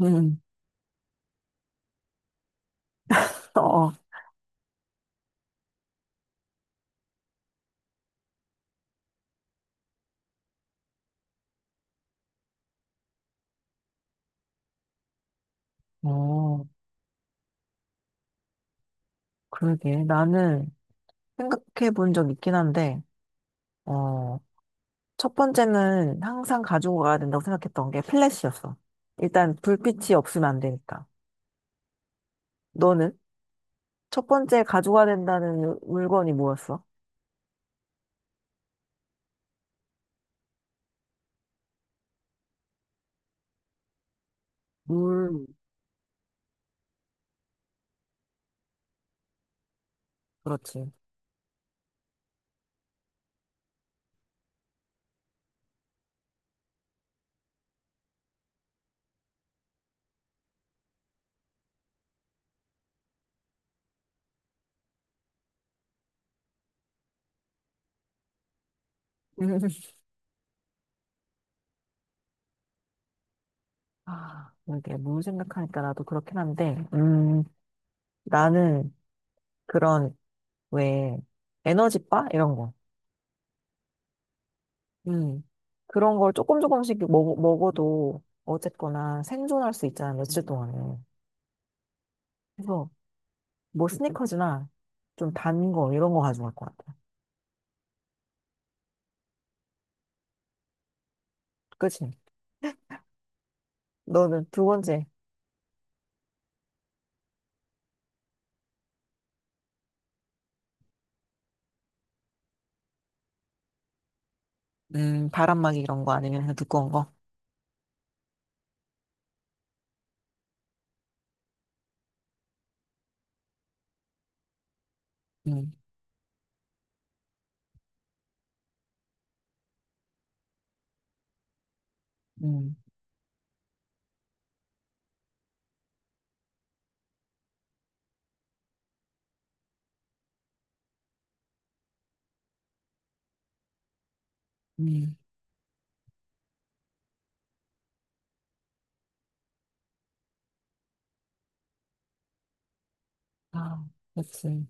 음, 어, 어, 그러게. 나는 생각해 본 적 있긴 한데, 어, 첫 번째는 항상 가지고 가야 된다고 생각했던 게 플래시였어. 일단 불빛이 없으면 안 되니까. 너는? 첫 번째 가지고 가야 된다는 물건이 뭐였어? 물, 그렇지. 음. 아, 이게 물 생각하니까 나도 그렇긴 한데, 나는 그런, 왜, 에너지바? 이런 거. 음. 그런 걸 조금 조금씩 먹어도 어쨌거나 생존할 수 있잖아, 며칠 동안은. 그래서 뭐 스니커즈나 좀 단 거 이런 거 가져갈 것 같아. 그치? 너는 두 번째, 바람막이 이런 거 아니면 그냥 두꺼운 거? 음, 음, 음. 아, 그치.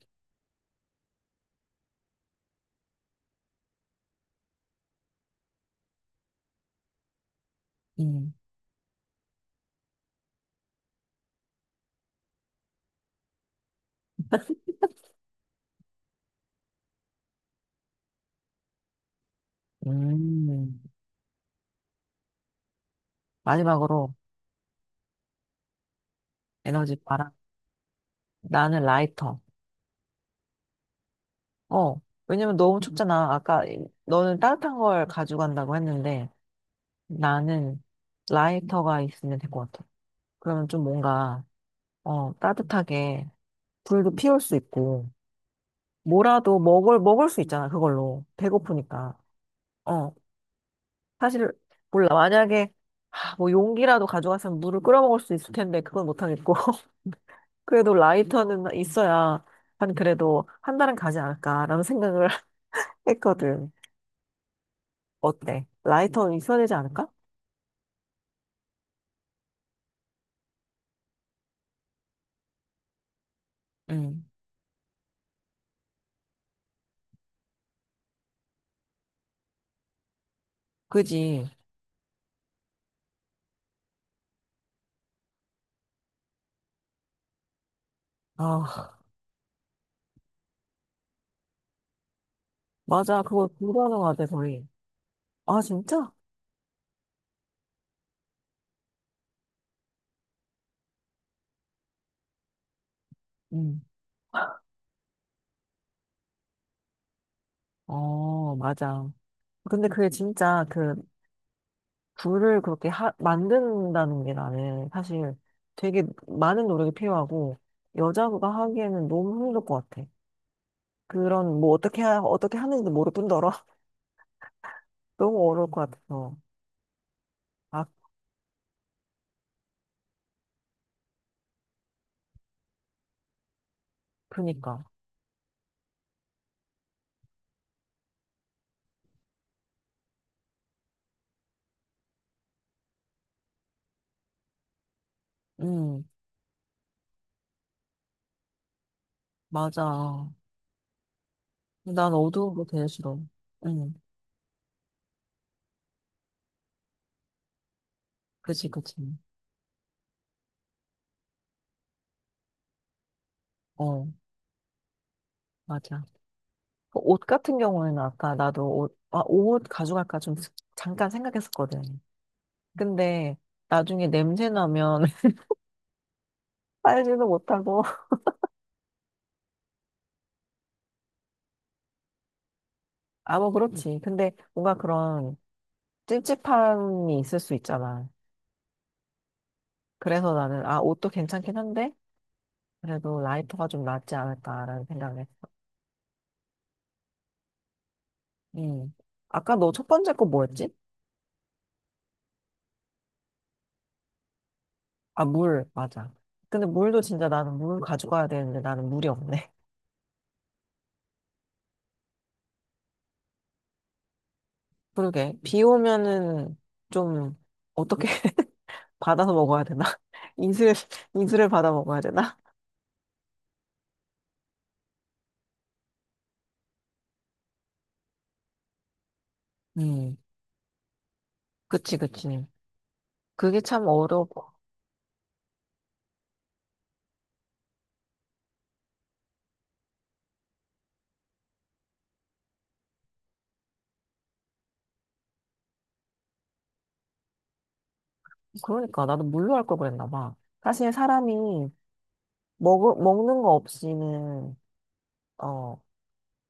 음, 음. 마지막으로 에너지 바람. 나는 라이터. 어, 왜냐면 너무 춥잖아. 아까 너는 따뜻한 걸 가져간다고 했는데. 나는 라이터가 있으면 될 것 같아. 그러면 좀 뭔가, 어, 따뜻하게 불도 피울 수 있고, 뭐라도 먹을 수 있잖아, 그걸로. 배고프니까. 어, 사실, 몰라. 만약에, 하, 뭐 용기라도 가져갔으면 물을 끓여 먹을 수 있을 텐데, 그건 못하겠고. 그래도 라이터는 있어야, 한 그래도 한 달은 가지 않을까라는 생각을 했거든. 어때? 라이터는 있어야 되지 않을까? 응, 그지. 아, 맞아. 그거 불가능하대, 거의. 아, 진짜? 응. 어, 맞아. 근데 그게 진짜 그 불을 그렇게 만든다는 게 나는 사실 되게 많은 노력이 필요하고 여자가 하기에는 너무 힘들 것 같아. 그런 뭐 어떻게 하는지도 모를 뿐더러 너무 어려울 것 같아서. 아, 그니까. 음, 맞아. 난 어두운 거 제일 싫어. 음, 그치, 그치. 어, 맞아. 그옷 같은 경우에는 아까 나도 옷, 아, 옷 가져갈까 좀 잠깐 생각했었거든. 근데 나중에 냄새 나면 빨지도 못하고. 아, 뭐, 그렇지. 근데 뭔가 그런 찝찝함이 있을 수 있잖아. 그래서 나는, 아, 옷도 괜찮긴 한데, 그래도 라이터가 좀 낫지 않을까라는 생각을 했어. 음. 아까 너 첫 번째 거 뭐였지? 아, 물. 맞아. 근데 물도 진짜 나는 물 가져가야 되는데 나는 물이 없네. 그러게. 비 오면은 좀 어떻게 받아서 먹어야 되나? 인수를, 인수를 받아 먹어야 되나? 음. 그치, 그치. 그게 참 어렵고. 그러니까 나도 물로 할 걸 그랬나 봐. 사실 사람이 먹는 거 없이는, 어,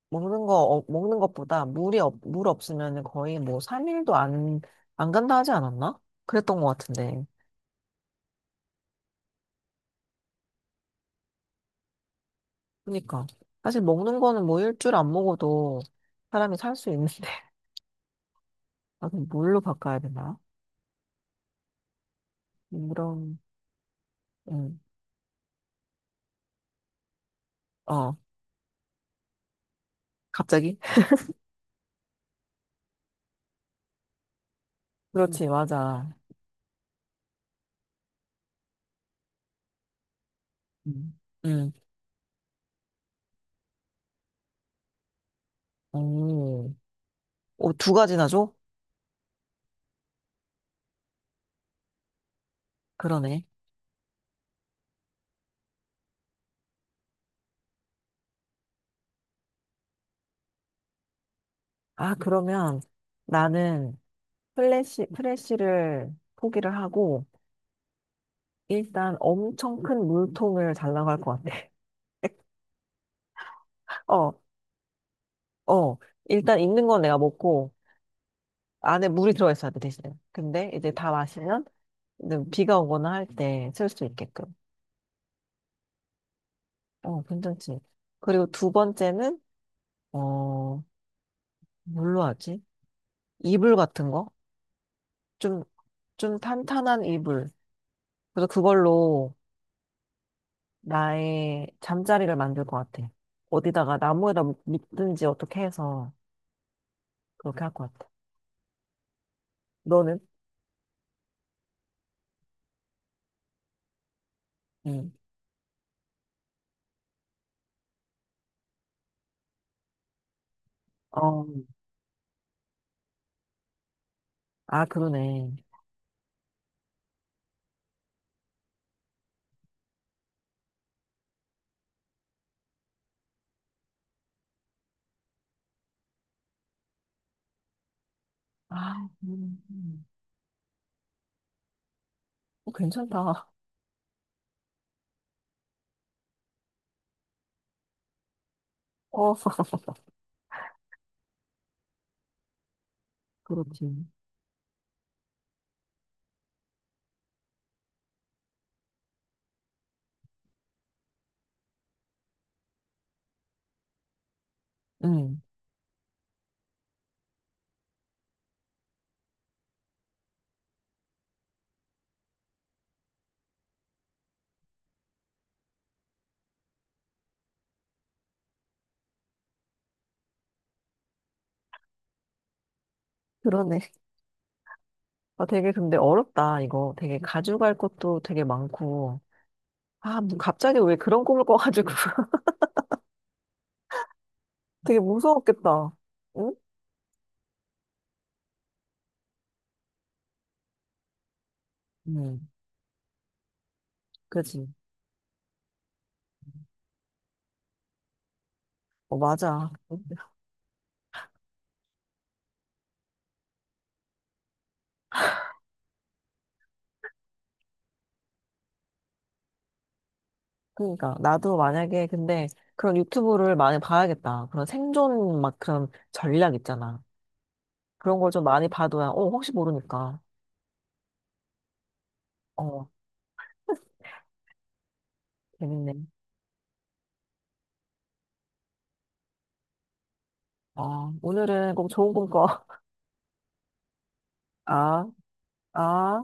먹는 거, 어, 먹는 것보다 물 없으면 거의 뭐 3일도 안 간다 하지 않았나? 그랬던 것 같은데. 그러니까. 사실 먹는 거는 뭐 일주일 안 먹어도 사람이 살 수 있는데. 아, 그럼 물로 바꿔야 되나? 그럼... 음, 어, 갑자기? 그렇지, 맞아. 음, 음, 오, 오, 두 가지나 줘? 그러네. 아, 그러면 나는 플래시, 프레쉬를 포기를 하고, 일단 엄청 큰 물통을 달라고 할 것 같아. 어, 어. 일단 있는 건 내가 먹고, 안에 물이 들어있어야 돼, 대신에. 근데 이제 다 마시면, 이제 비가 오거나 할 때 쓸 수 있게끔. 어, 괜찮지. 그리고 두 번째는, 어, 뭘로 하지? 이불 같은 거? 좀, 좀 탄탄한 이불. 그래서 그걸로 나의 잠자리를 만들 것 같아. 어디다가 나무에다 묶든지 어떻게 해서 그렇게 할 것 같아. 너는? 응. 어. 아, 그러네. 아, 어, 괜찮다. 어, 그렇지. 응, 그러네. 아, 되게 근데 어렵다, 이거. 되게 가져갈 것도 되게 많고. 아, 뭐 갑자기 왜 그런 꿈을 꿔가지고. 되게 무서웠겠다. 응? 응, 그지. 어, 맞아. 그러니까 나도 만약에 근데 그런 유튜브를 많이 봐야겠다. 그런 생존 막 그런 전략 있잖아. 그런 걸 좀 많이 봐둬야 어 혹시 모르니까. 어 재밌네. 어 오늘은 꼭 좋은 꿈꿔. 아 아.